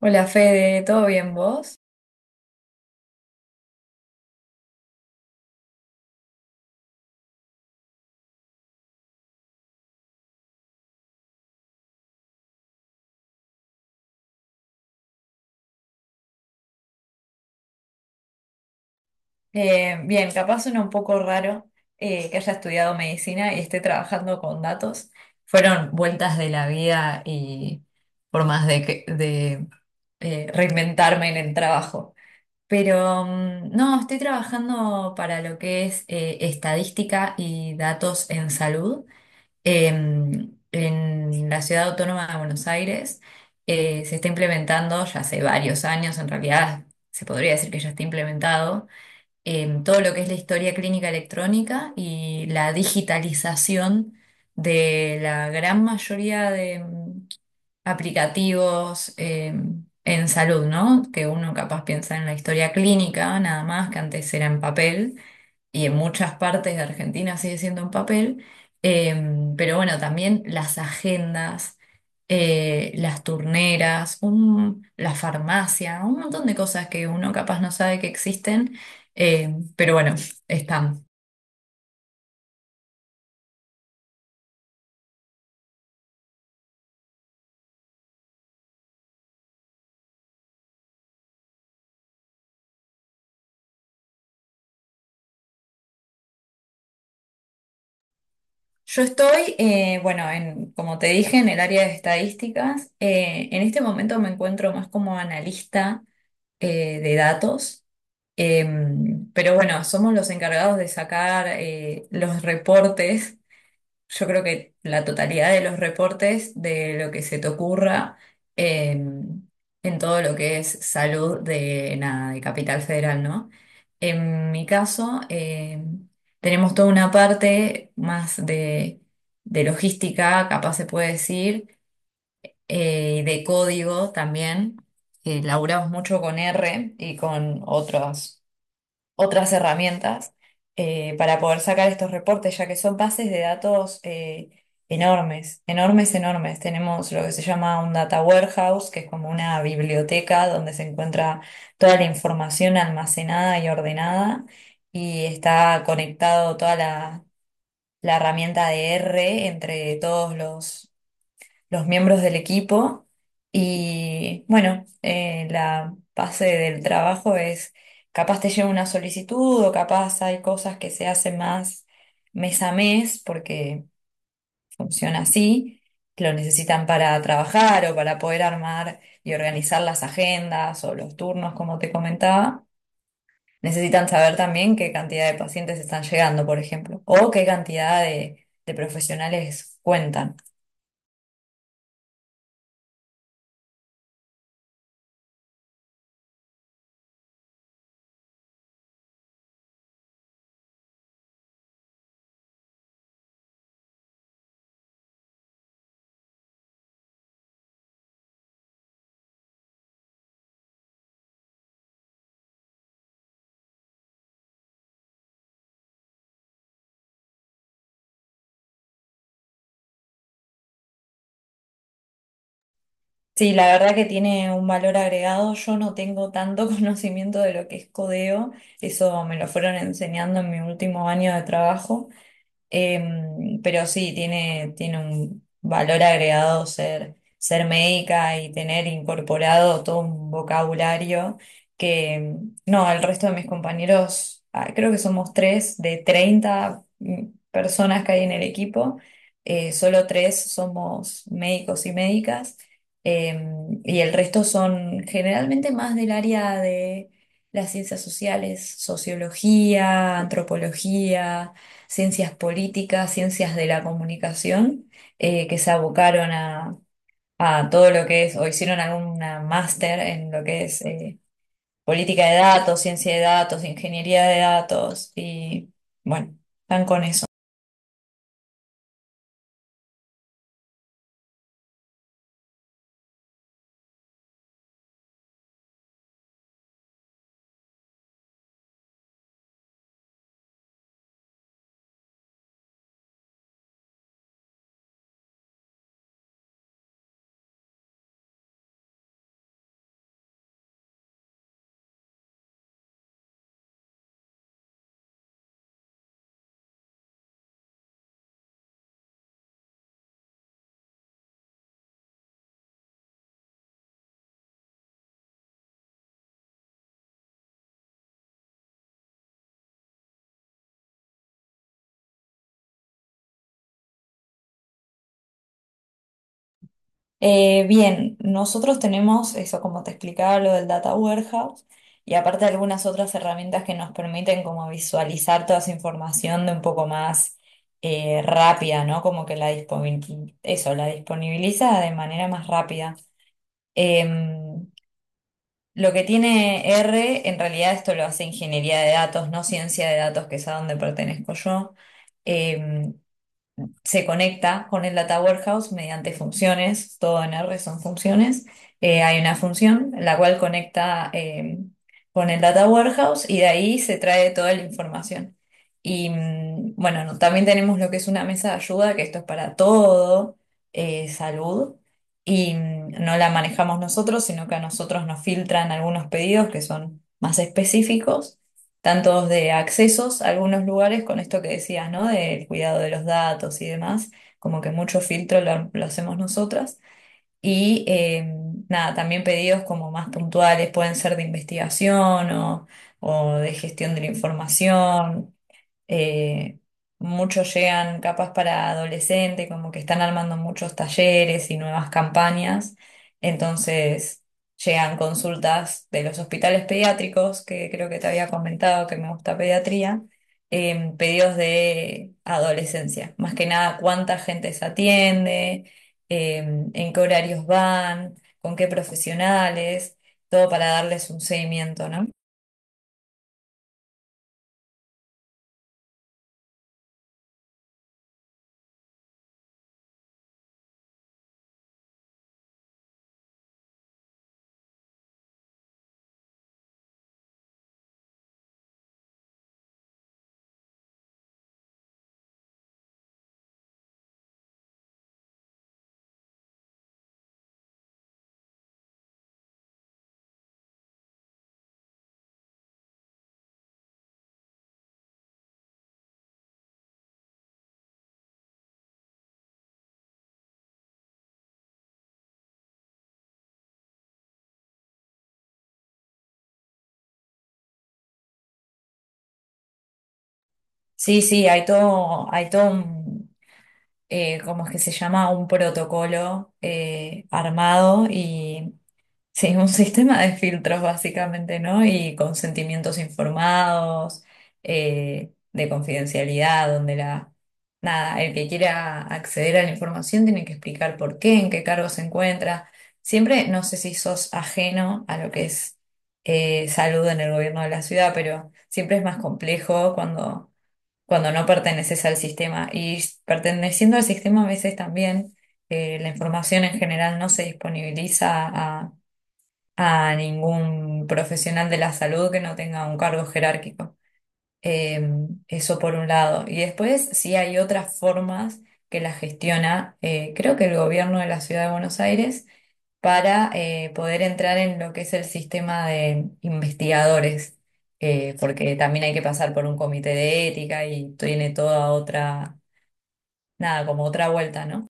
Hola Fede, ¿todo bien vos? Bien, capaz suena un poco raro que haya estudiado medicina y esté trabajando con datos. Fueron vueltas de la vida y formas de, de reinventarme en el trabajo. Pero no, estoy trabajando para lo que es estadística y datos en salud. Em, en la Ciudad Autónoma de Buenos Aires se está implementando ya hace varios años, en realidad se podría decir que ya está implementado, todo lo que es la historia clínica electrónica y la digitalización de la gran mayoría de aplicativos en salud, ¿no? Que uno capaz piensa en la historia clínica, nada más que antes era en papel y en muchas partes de Argentina sigue siendo en papel, pero bueno, también las agendas, las turneras, la farmacia, un montón de cosas que uno capaz no sabe que existen, pero bueno, están. Yo estoy, bueno, en, como te dije, en el área de estadísticas. En este momento me encuentro más como analista, de datos. Pero bueno, somos los encargados de sacar los reportes. Yo creo que la totalidad de los reportes de lo que se te ocurra eh, en todo lo que es salud de, nada, de Capital Federal, ¿no? En mi caso, tenemos toda una parte más de logística, capaz se puede decir, de código también. Laburamos mucho con R y con otros otras herramientas para poder sacar estos reportes, ya que son bases de datos enormes, enormes, enormes. Tenemos lo que se llama un data warehouse, que es como una biblioteca donde se encuentra toda la información almacenada y ordenada, y está conectado toda la, la herramienta de R E entre todos los miembros del equipo. Y bueno, la base del trabajo es, capaz te llega una solicitud o capaz hay cosas que se hacen más mes a mes porque funciona así, que lo necesitan para trabajar o para poder armar y organizar las agendas o los turnos, como te comentaba. Necesitan saber también qué cantidad de pacientes están llegando, por ejemplo, o qué cantidad de profesionales cuentan. Sí, la verdad que tiene un valor agregado. Yo no tengo tanto conocimiento de lo que es codeo, eso me lo fueron enseñando en mi último año de trabajo. Pero sí, tiene un valor agregado ser, ser médica y tener incorporado todo un vocabulario que, no, al resto de mis compañeros, ah, creo que somos tres de 30 personas que hay en el equipo, solo tres somos médicos y médicas, y el resto son generalmente más del área de las ciencias sociales, sociología, antropología, ciencias políticas, ciencias de la comunicación, que se abocaron a todo lo que es, o hicieron alguna máster en lo que es política de datos, ciencia de datos, ingeniería de datos, y bueno, están con… bien, nosotros tenemos eso, como te explicaba, lo del Data Warehouse y aparte algunas otras herramientas que nos permiten como visualizar toda esa información de un poco más rápida, ¿no? Como que la eso, la disponibiliza de manera más rápida. Em, lo que tiene R, en realidad esto lo hace ingeniería de datos, no ciencia de datos, que es a donde pertenezco yo. Em, se conecta con el Data Warehouse mediante funciones, todo en R son funciones. Hay una función la cual conecta con el Data Warehouse y de ahí se trae toda la información. Y bueno, no, también tenemos lo que es una mesa de ayuda, que esto es para todo, salud. Y no la manejamos nosotros, sino que a nosotros nos filtran algunos pedidos que son más específicos tanto de accesos a algunos lugares, con esto que decías, ¿no? Del cuidado de los datos y demás, como que mucho filtro lo hacemos nosotras. Y nada, también pedidos como más puntuales, pueden ser de investigación o de gestión de la información, eh, muchos llegan capaz para adolescente, como que están armando muchos talleres y nuevas campañas. Entonces llegan consultas de los hospitales pediátricos, que creo que te había comentado que me gusta pediatría, pedidos de adolescencia. Más que nada, cuánta gente se atiende, en qué horarios van, con qué profesionales, todo para darles un seguimiento, ¿no? Sí, sí, hay todo un ¿cómo es que se llama? Un protocolo armado y sí, un sistema de filtros básicamente, ¿no? Y consentimientos informados, de confidencialidad, donde la, nada, el que quiera acceder a la información tiene que explicar por qué, en qué cargo se encuentra. Siempre, no sé si sos ajeno a lo que es salud en el gobierno de la ciudad, pero siempre es más complejo cuando no perteneces al sistema. Y perteneciendo al sistema a veces también la información en general no se disponibiliza a ningún profesional de la salud que no tenga un cargo jerárquico. Eh, eso por un lado. Y después sí hay otras formas que la gestiona, creo que el gobierno de la Ciudad de Buenos Aires, para poder entrar en lo que es el sistema de investigadores, porque también hay que pasar por un comité de ética y tiene toda otra, nada, como otra vuelta, ¿no?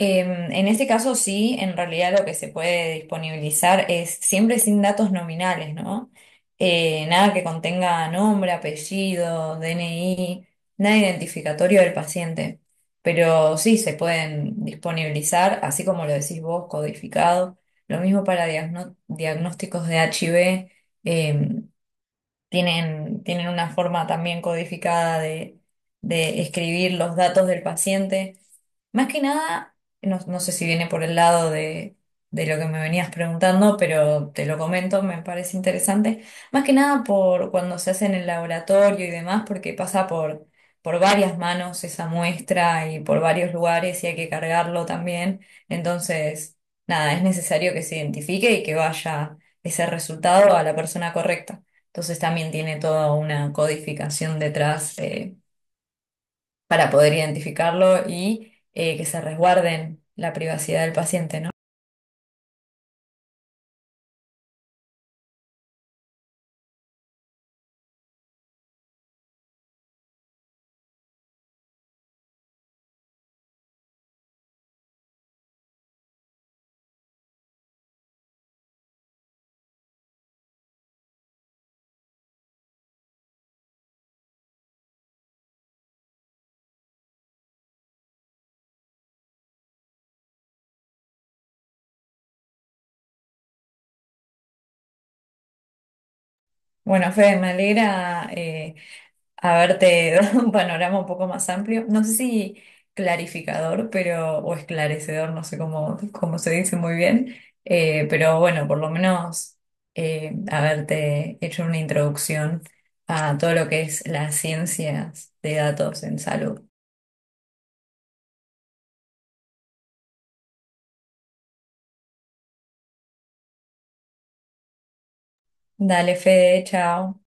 Em, en este caso sí, en realidad lo que se puede disponibilizar es siempre sin datos nominales, ¿no? Nada que contenga nombre, apellido, DNI, nada identificatorio del paciente. Pero sí se pueden disponibilizar, así como lo decís vos, codificado. Lo mismo para diagnósticos de HIV, em, tienen, tienen una forma también codificada de escribir los datos del paciente. Más que nada, no, no sé si viene por el lado de lo que me venías preguntando, pero te lo comento, me parece interesante. Más que nada por cuando se hace en el laboratorio y demás, porque pasa por varias manos esa muestra y por varios lugares y hay que cargarlo también. Entonces, nada, es necesario que se identifique y que vaya ese resultado a la persona correcta. Entonces también tiene toda una codificación detrás. Para poder identificarlo y que se resguarden la privacidad del paciente, ¿no? Bueno, Fede, me alegra haberte dado un panorama un poco más amplio. No sé si clarificador, pero, o esclarecedor, no sé cómo, cómo se dice muy bien, pero bueno, por lo menos haberte hecho una introducción a todo lo que es las ciencias de datos en salud. Dale, Fede, chao.